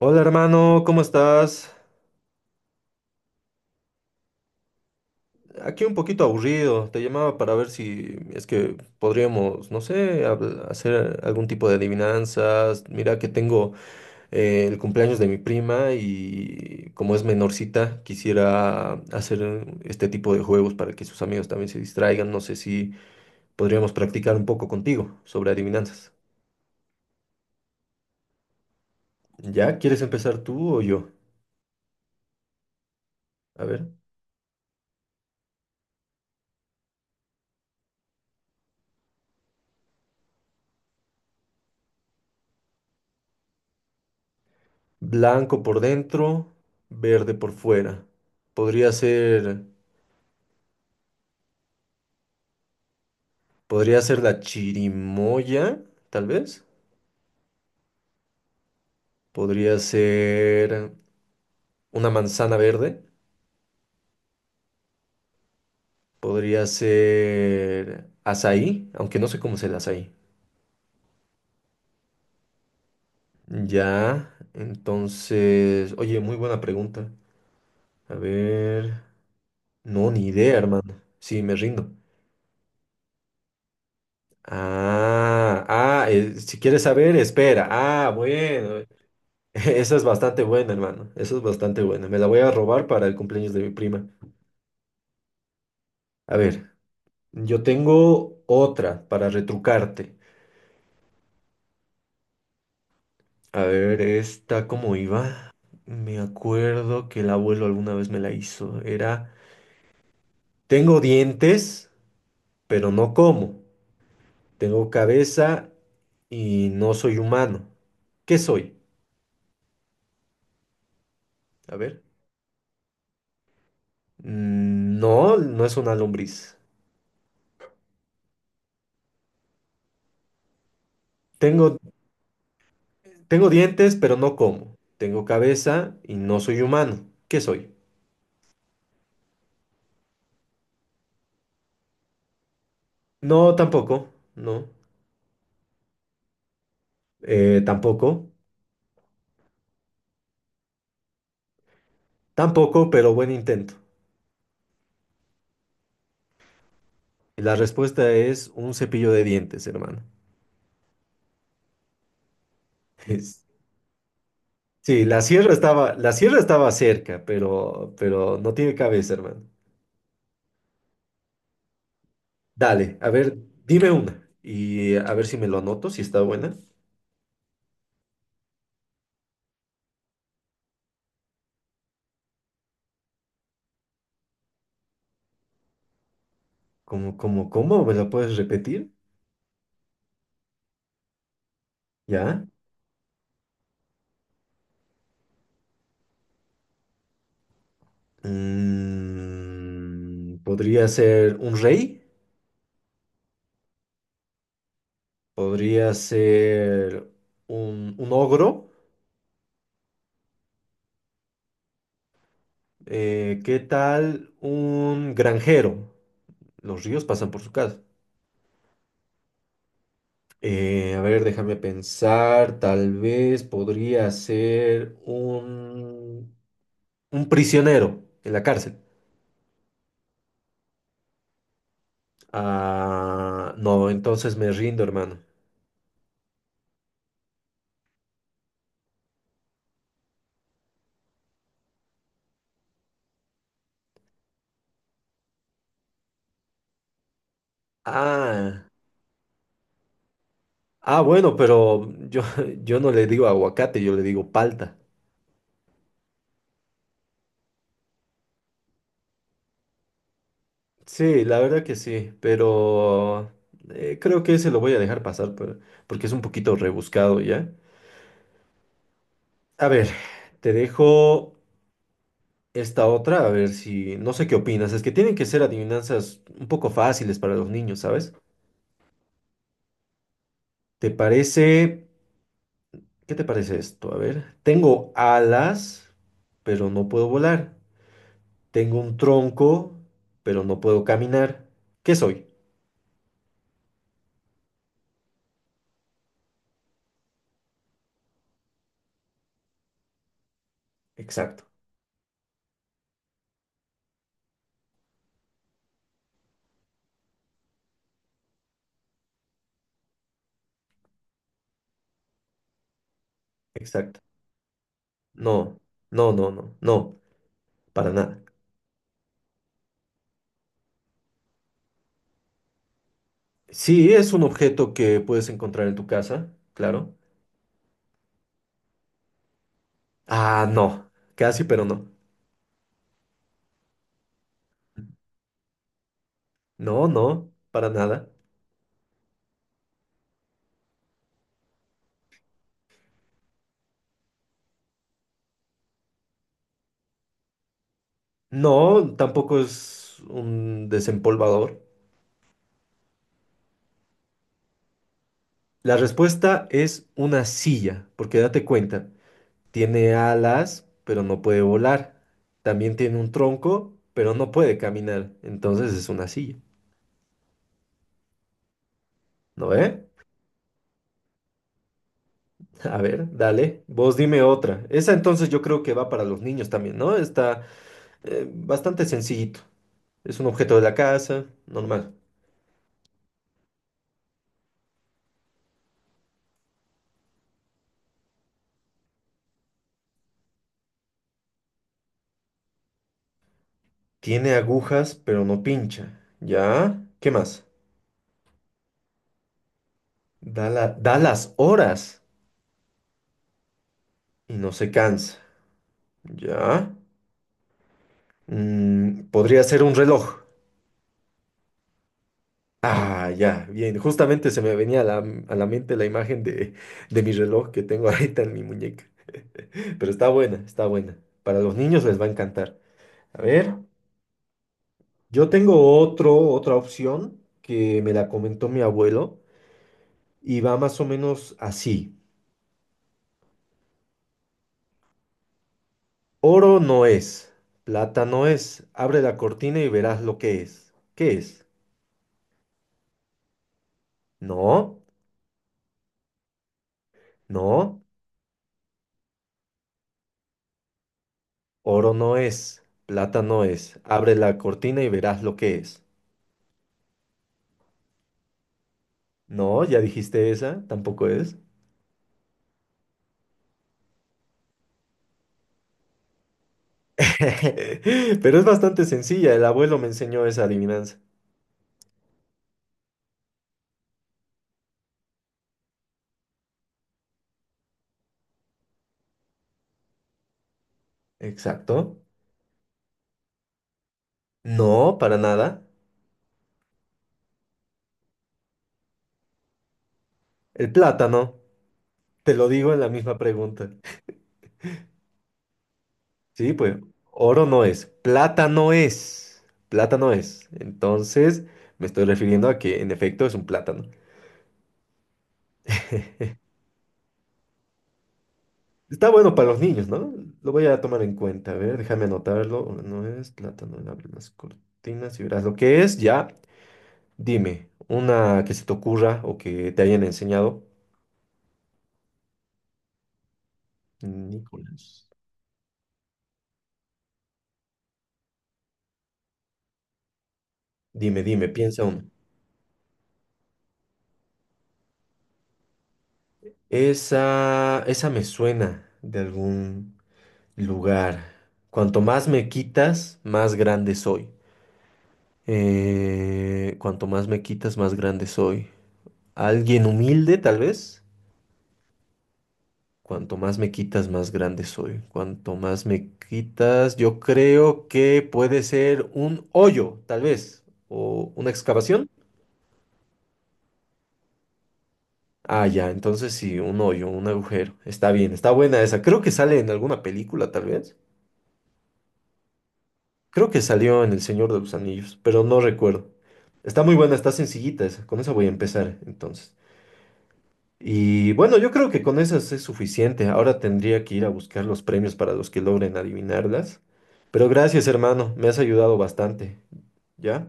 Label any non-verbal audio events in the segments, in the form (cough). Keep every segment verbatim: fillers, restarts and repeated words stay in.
Hola hermano, ¿cómo estás? Aquí un poquito aburrido, te llamaba para ver si es que podríamos, no sé, habl- hacer algún tipo de adivinanzas. Mira que tengo eh, el cumpleaños de mi prima y como es menorcita, quisiera hacer este tipo de juegos para que sus amigos también se distraigan. No sé si podríamos practicar un poco contigo sobre adivinanzas. ¿Ya? ¿Quieres empezar tú o yo? A ver. Blanco por dentro, verde por fuera. Podría ser... Podría ser la chirimoya, tal vez. Podría ser una manzana verde. Podría ser azaí, aunque no sé cómo es el azaí. Ya, entonces, oye, muy buena pregunta. A ver, no, ni idea, hermano. Sí, me rindo. Ah, ah, eh, si quieres saber, espera. Ah, bueno. (laughs) Esa es bastante buena, hermano. Esa es bastante buena. Me la voy a robar para el cumpleaños de mi prima. A ver. Yo tengo otra para retrucarte. A ver, esta cómo iba. Me acuerdo que el abuelo alguna vez me la hizo. Era, tengo dientes, pero no como. Tengo cabeza y no soy humano. ¿Qué soy? A ver. Mm, no, no es una lombriz. Tengo, tengo dientes, pero no como. Tengo cabeza y no soy humano. ¿Qué soy? No, tampoco. No. Eh, tampoco. Tampoco, pero buen intento. La respuesta es un cepillo de dientes, hermano. Es- Sí, la sierra estaba, la sierra estaba cerca, pero, pero no tiene cabeza, hermano. Dale, a ver, dime una y a ver si me lo anoto, si está buena. ¿Cómo, cómo, cómo? ¿Me la puedes repetir? ¿Ya? Mm, podría ser un rey, podría ser un, un ogro. Eh, ¿qué tal un granjero? Los ríos pasan por su casa. Eh, a ver, déjame pensar. Tal vez podría ser un, un prisionero en la cárcel. Ah, no, entonces me rindo, hermano. Ah, ah, bueno, pero yo, (laughs) yo no le digo aguacate, yo le digo palta. Sí, la verdad que sí, pero eh, creo que ese lo voy a dejar pasar por- porque es un poquito rebuscado, ¿ya? A ver, te dejo esta otra, a ver si, no sé qué opinas, es que tienen que ser adivinanzas un poco fáciles para los niños, ¿sabes? ¿Te parece, ¿qué te parece esto? A ver, tengo alas, pero no puedo volar. Tengo un tronco, pero no puedo caminar. ¿Qué soy? Exacto, exacto. No, no, no, no, no, para nada. Sí, es un objeto que puedes encontrar en tu casa, claro. Ah, no, casi, pero no. No, no, para nada. No, tampoco es un desempolvador. La respuesta es una silla, porque date cuenta, tiene alas, pero no puede volar. También tiene un tronco, pero no puede caminar. Entonces es una silla, ¿no ve? (laughs) A ver, dale, vos dime otra. Esa entonces yo creo que va para los niños también, ¿no? Está eh, bastante sencillito. Es un objeto de la casa, normal. Tiene agujas, pero no pincha. ¿Ya? ¿Qué más? Da la- da las horas y no se cansa. ¿Ya? Mm, podría ser un reloj. Ah, ya, bien. Justamente se me venía a la, a la mente la imagen de, de mi reloj que tengo (laughs) ahorita en mi muñeca. (laughs) Pero está buena, está buena. Para los niños les va a encantar. A ver, yo tengo otro, otra opción que me la comentó mi abuelo y va más o menos así. Oro no es, plata no es. Abre la cortina y verás lo que es. ¿Qué es? No, no. Oro no es, plata no es. Abre la cortina y verás lo que es. No, ya dijiste esa, tampoco es. (laughs) Pero es bastante sencilla, el abuelo me enseñó esa adivinanza. Exacto. No, para nada. El plátano, te lo digo en la misma pregunta. Sí, pues, oro no es, plata no es. Plátano es. Entonces, me estoy refiriendo a que en efecto es un plátano. Está bueno para los niños, ¿no? Lo voy a tomar en cuenta. A ver, déjame anotarlo. No es plátano, no abre las cortinas y verás lo que es. Ya, dime, una que se te ocurra o que te hayan enseñado. Nicolás. Dime, dime, piensa una. Esa, esa me suena de algún lugar. Cuanto más me quitas, más grande soy. Eh, cuanto más me quitas, más grande soy. ¿Alguien humilde, tal vez? Cuanto más me quitas, más grande soy. Cuanto más me quitas, yo creo que puede ser un hoyo, tal vez, o una excavación. Ah, ya, entonces sí, un hoyo, un agujero. Está bien, está buena esa. Creo que sale en alguna película, tal vez. Creo que salió en El Señor de los Anillos, pero no recuerdo. Está muy buena, está sencillita esa. Con esa voy a empezar, entonces. Y bueno, yo creo que con esas es suficiente. Ahora tendría que ir a buscar los premios para los que logren adivinarlas. Pero gracias, hermano, me has ayudado bastante. ¿Ya?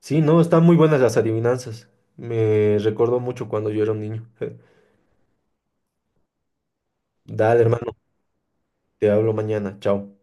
Sí, no, están muy buenas las adivinanzas. Me recordó mucho cuando yo era un niño. (laughs) Dale, hermano, te hablo mañana. Chao.